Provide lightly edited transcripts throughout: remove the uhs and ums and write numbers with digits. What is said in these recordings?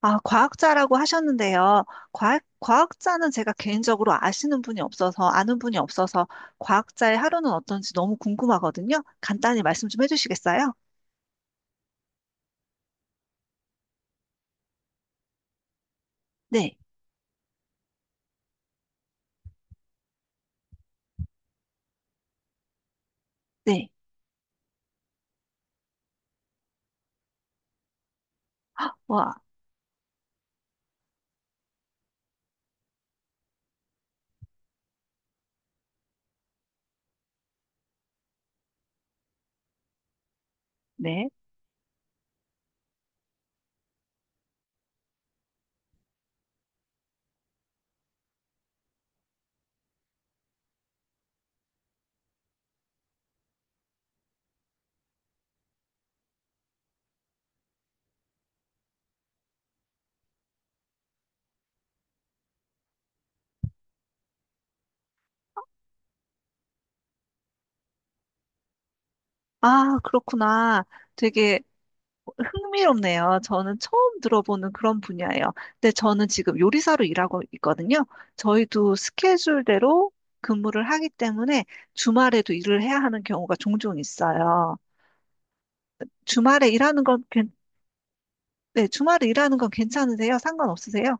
아, 과학자라고 하셨는데요. 과학자는 제가 개인적으로 아시는 분이 없어서, 아는 분이 없어서, 과학자의 하루는 어떤지 너무 궁금하거든요. 간단히 말씀 좀 해주시겠어요? 네, 네. 와, 네. 아, 그렇구나. 되게 흥미롭네요. 저는 처음 들어보는 그런 분야예요. 근데 저는 지금 요리사로 일하고 있거든요. 저희도 스케줄대로 근무를 하기 때문에 주말에도 일을 해야 하는 경우가 종종 있어요. 주말에 일하는 건 괜- 네, 주말에 일하는 건 괜찮으세요? 상관없으세요?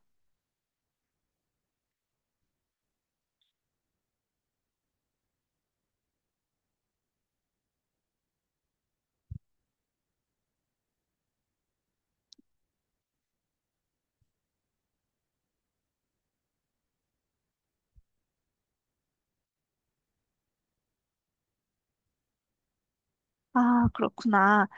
아, 그렇구나.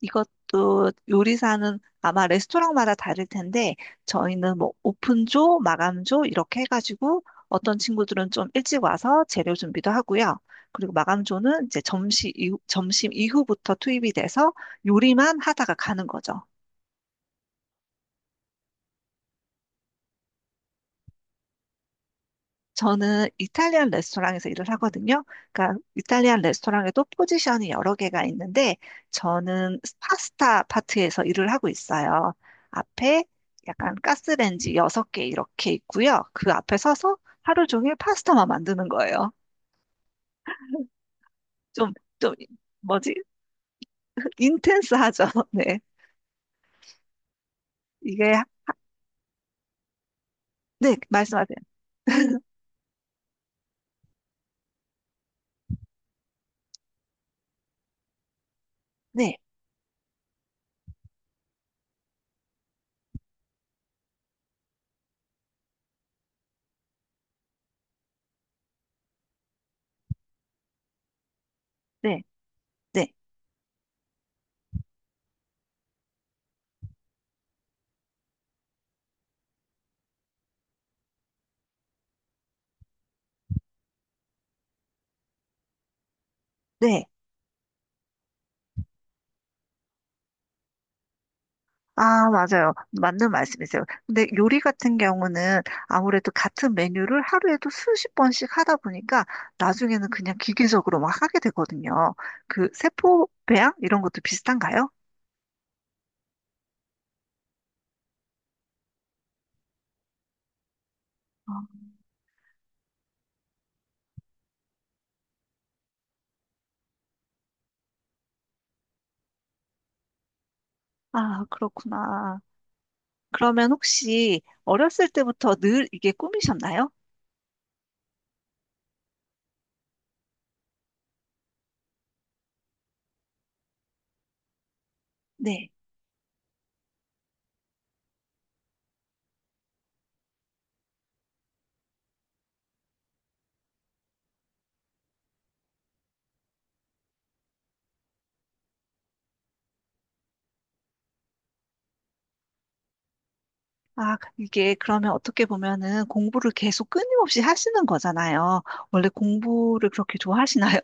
이것도 요리사는 아마 레스토랑마다 다를 텐데, 저희는 뭐 오픈조, 마감조 이렇게 해가지고 어떤 친구들은 좀 일찍 와서 재료 준비도 하고요. 그리고 마감조는 이제 점심 이후, 점심 이후부터 투입이 돼서 요리만 하다가 가는 거죠. 저는 이탈리안 레스토랑에서 일을 하거든요. 그러니까 이탈리안 레스토랑에도 포지션이 여러 개가 있는데 저는 파스타 파트에서 일을 하고 있어요. 앞에 약간 가스레인지 여섯 개 이렇게 있고요. 그 앞에 서서 하루 종일 파스타만 만드는 거예요. 좀, 좀, 뭐지? 인텐스하죠. 네. 이게, 네, 말씀하세요. 네, 네, 네, 네. 아, 맞아요. 맞는 말씀이세요. 근데 요리 같은 경우는 아무래도 같은 메뉴를 하루에도 수십 번씩 하다 보니까 나중에는 그냥 기계적으로 막 하게 되거든요. 그 세포 배양 이런 것도 비슷한가요? 어, 아, 그렇구나. 그러면 혹시 어렸을 때부터 늘 이게 꿈이셨나요? 네. 아, 이게 그러면 어떻게 보면은 공부를 계속 끊임없이 하시는 거잖아요. 원래 공부를 그렇게 좋아하시나요?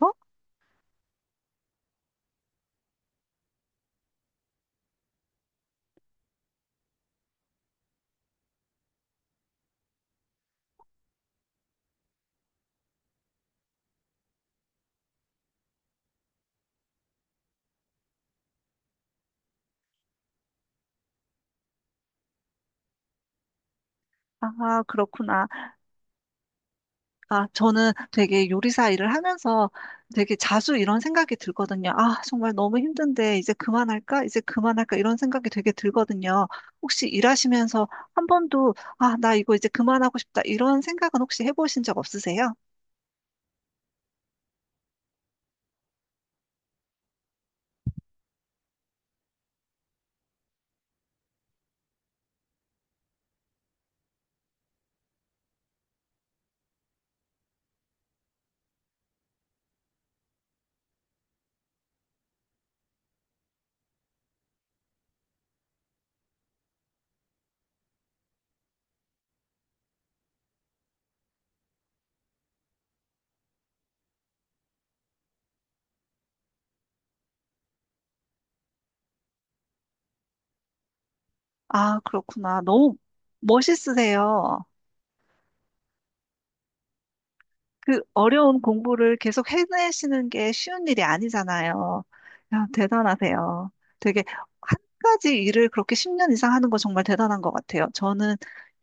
아, 그렇구나. 아, 저는 되게 요리사 일을 하면서 되게 자주 이런 생각이 들거든요. 아, 정말 너무 힘든데 이제 그만할까? 이제 그만할까? 이런 생각이 되게 들거든요. 혹시 일하시면서 한 번도 아, 나 이거 이제 그만하고 싶다. 이런 생각은 혹시 해보신 적 없으세요? 아, 그렇구나. 너무 멋있으세요. 그 어려운 공부를 계속 해내시는 게 쉬운 일이 아니잖아요. 야, 대단하세요. 되게 한 가지 일을 그렇게 10년 이상 하는 거 정말 대단한 것 같아요. 저는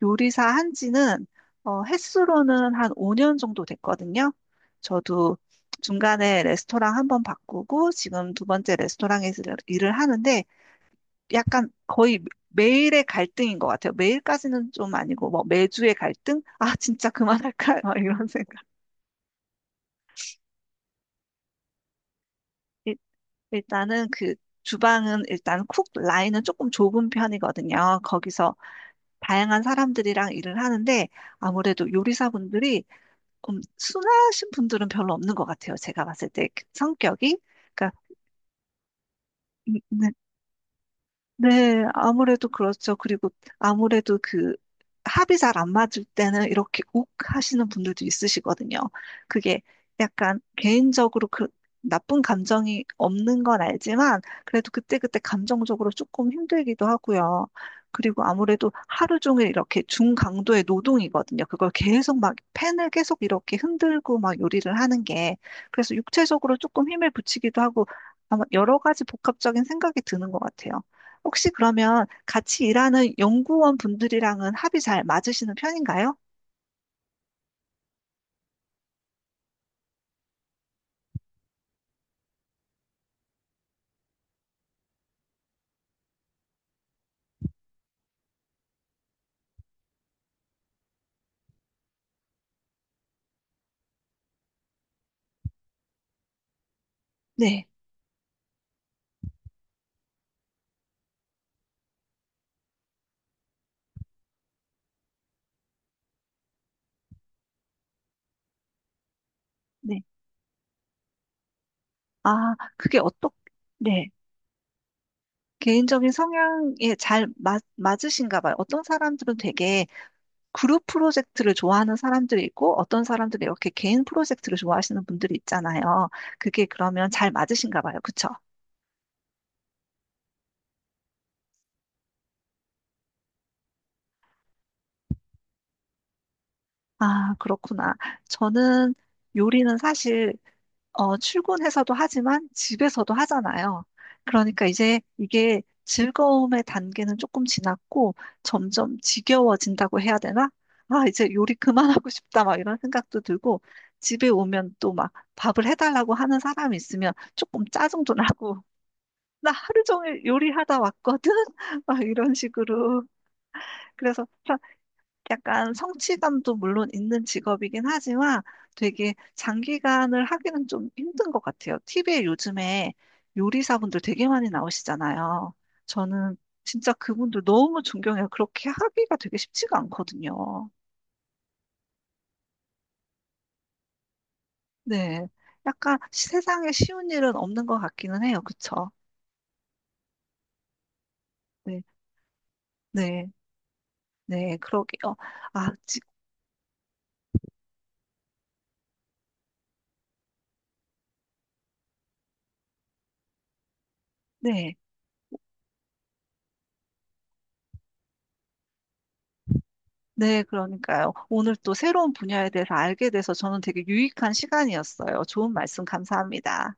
요리사 한 지는 횟수로는 한 5년 정도 됐거든요. 저도 중간에 레스토랑 한 번 바꾸고 지금 두 번째 레스토랑에서 일을 하는데 약간 거의 매일의 갈등인 것 같아요. 매일까지는 좀 아니고 뭐 매주의 갈등? 아, 진짜 그만할까요? 이런 생각. 일단은 그 주방은 일단 쿡 라인은 조금 좁은 편이거든요. 거기서 다양한 사람들이랑 일을 하는데 아무래도 요리사분들이 좀 순하신 분들은 별로 없는 것 같아요. 제가 봤을 때 그 성격이. 그러니까 네. 네, 아무래도 그렇죠. 그리고 아무래도 그 합이 잘 안 맞을 때는 이렇게 욱 하시는 분들도 있으시거든요. 그게 약간 개인적으로 그 나쁜 감정이 없는 건 알지만 그래도 그때그때 감정적으로 조금 힘들기도 하고요. 그리고 아무래도 하루 종일 이렇게 중강도의 노동이거든요. 그걸 계속 막 펜을 계속 이렇게 흔들고 막 요리를 하는 게 그래서 육체적으로 조금 힘을 붙이기도 하고 아마 여러 가지 복합적인 생각이 드는 것 같아요. 혹시 그러면 같이 일하는 연구원 분들이랑은 합이 잘 맞으시는 편인가요? 네, 네. 아, 네. 개인적인 성향에 잘 맞으신가 봐요. 어떤 사람들은 되게 그룹 프로젝트를 좋아하는 사람들이 있고, 어떤 사람들은 이렇게 개인 프로젝트를 좋아하시는 분들이 있잖아요. 그게 그러면 잘 맞으신가 봐요. 그쵸? 아, 그렇구나. 저는 요리는 사실 어, 출근해서도 하지만 집에서도 하잖아요. 그러니까 이제 이게 즐거움의 단계는 조금 지났고 점점 지겨워진다고 해야 되나? 아, 이제 요리 그만하고 싶다 막 이런 생각도 들고 집에 오면 또 막 밥을 해달라고 하는 사람이 있으면 조금 짜증도 나고 나 하루 종일 요리하다 왔거든? 막 이런 식으로. 그래서 약간 성취감도 물론 있는 직업이긴 하지만 되게 장기간을 하기는 좀 힘든 것 같아요. TV에 요즘에 요리사분들 되게 많이 나오시잖아요. 저는 진짜 그분들 너무 존경해요. 그렇게 하기가 되게 쉽지가 않거든요. 네. 약간 세상에 쉬운 일은 없는 것 같기는 해요. 그쵸? 네. 네. 네. 그러게요. 아, 네. 네, 그러니까요. 오늘 또 새로운 분야에 대해서 알게 돼서 저는 되게 유익한 시간이었어요. 좋은 말씀 감사합니다.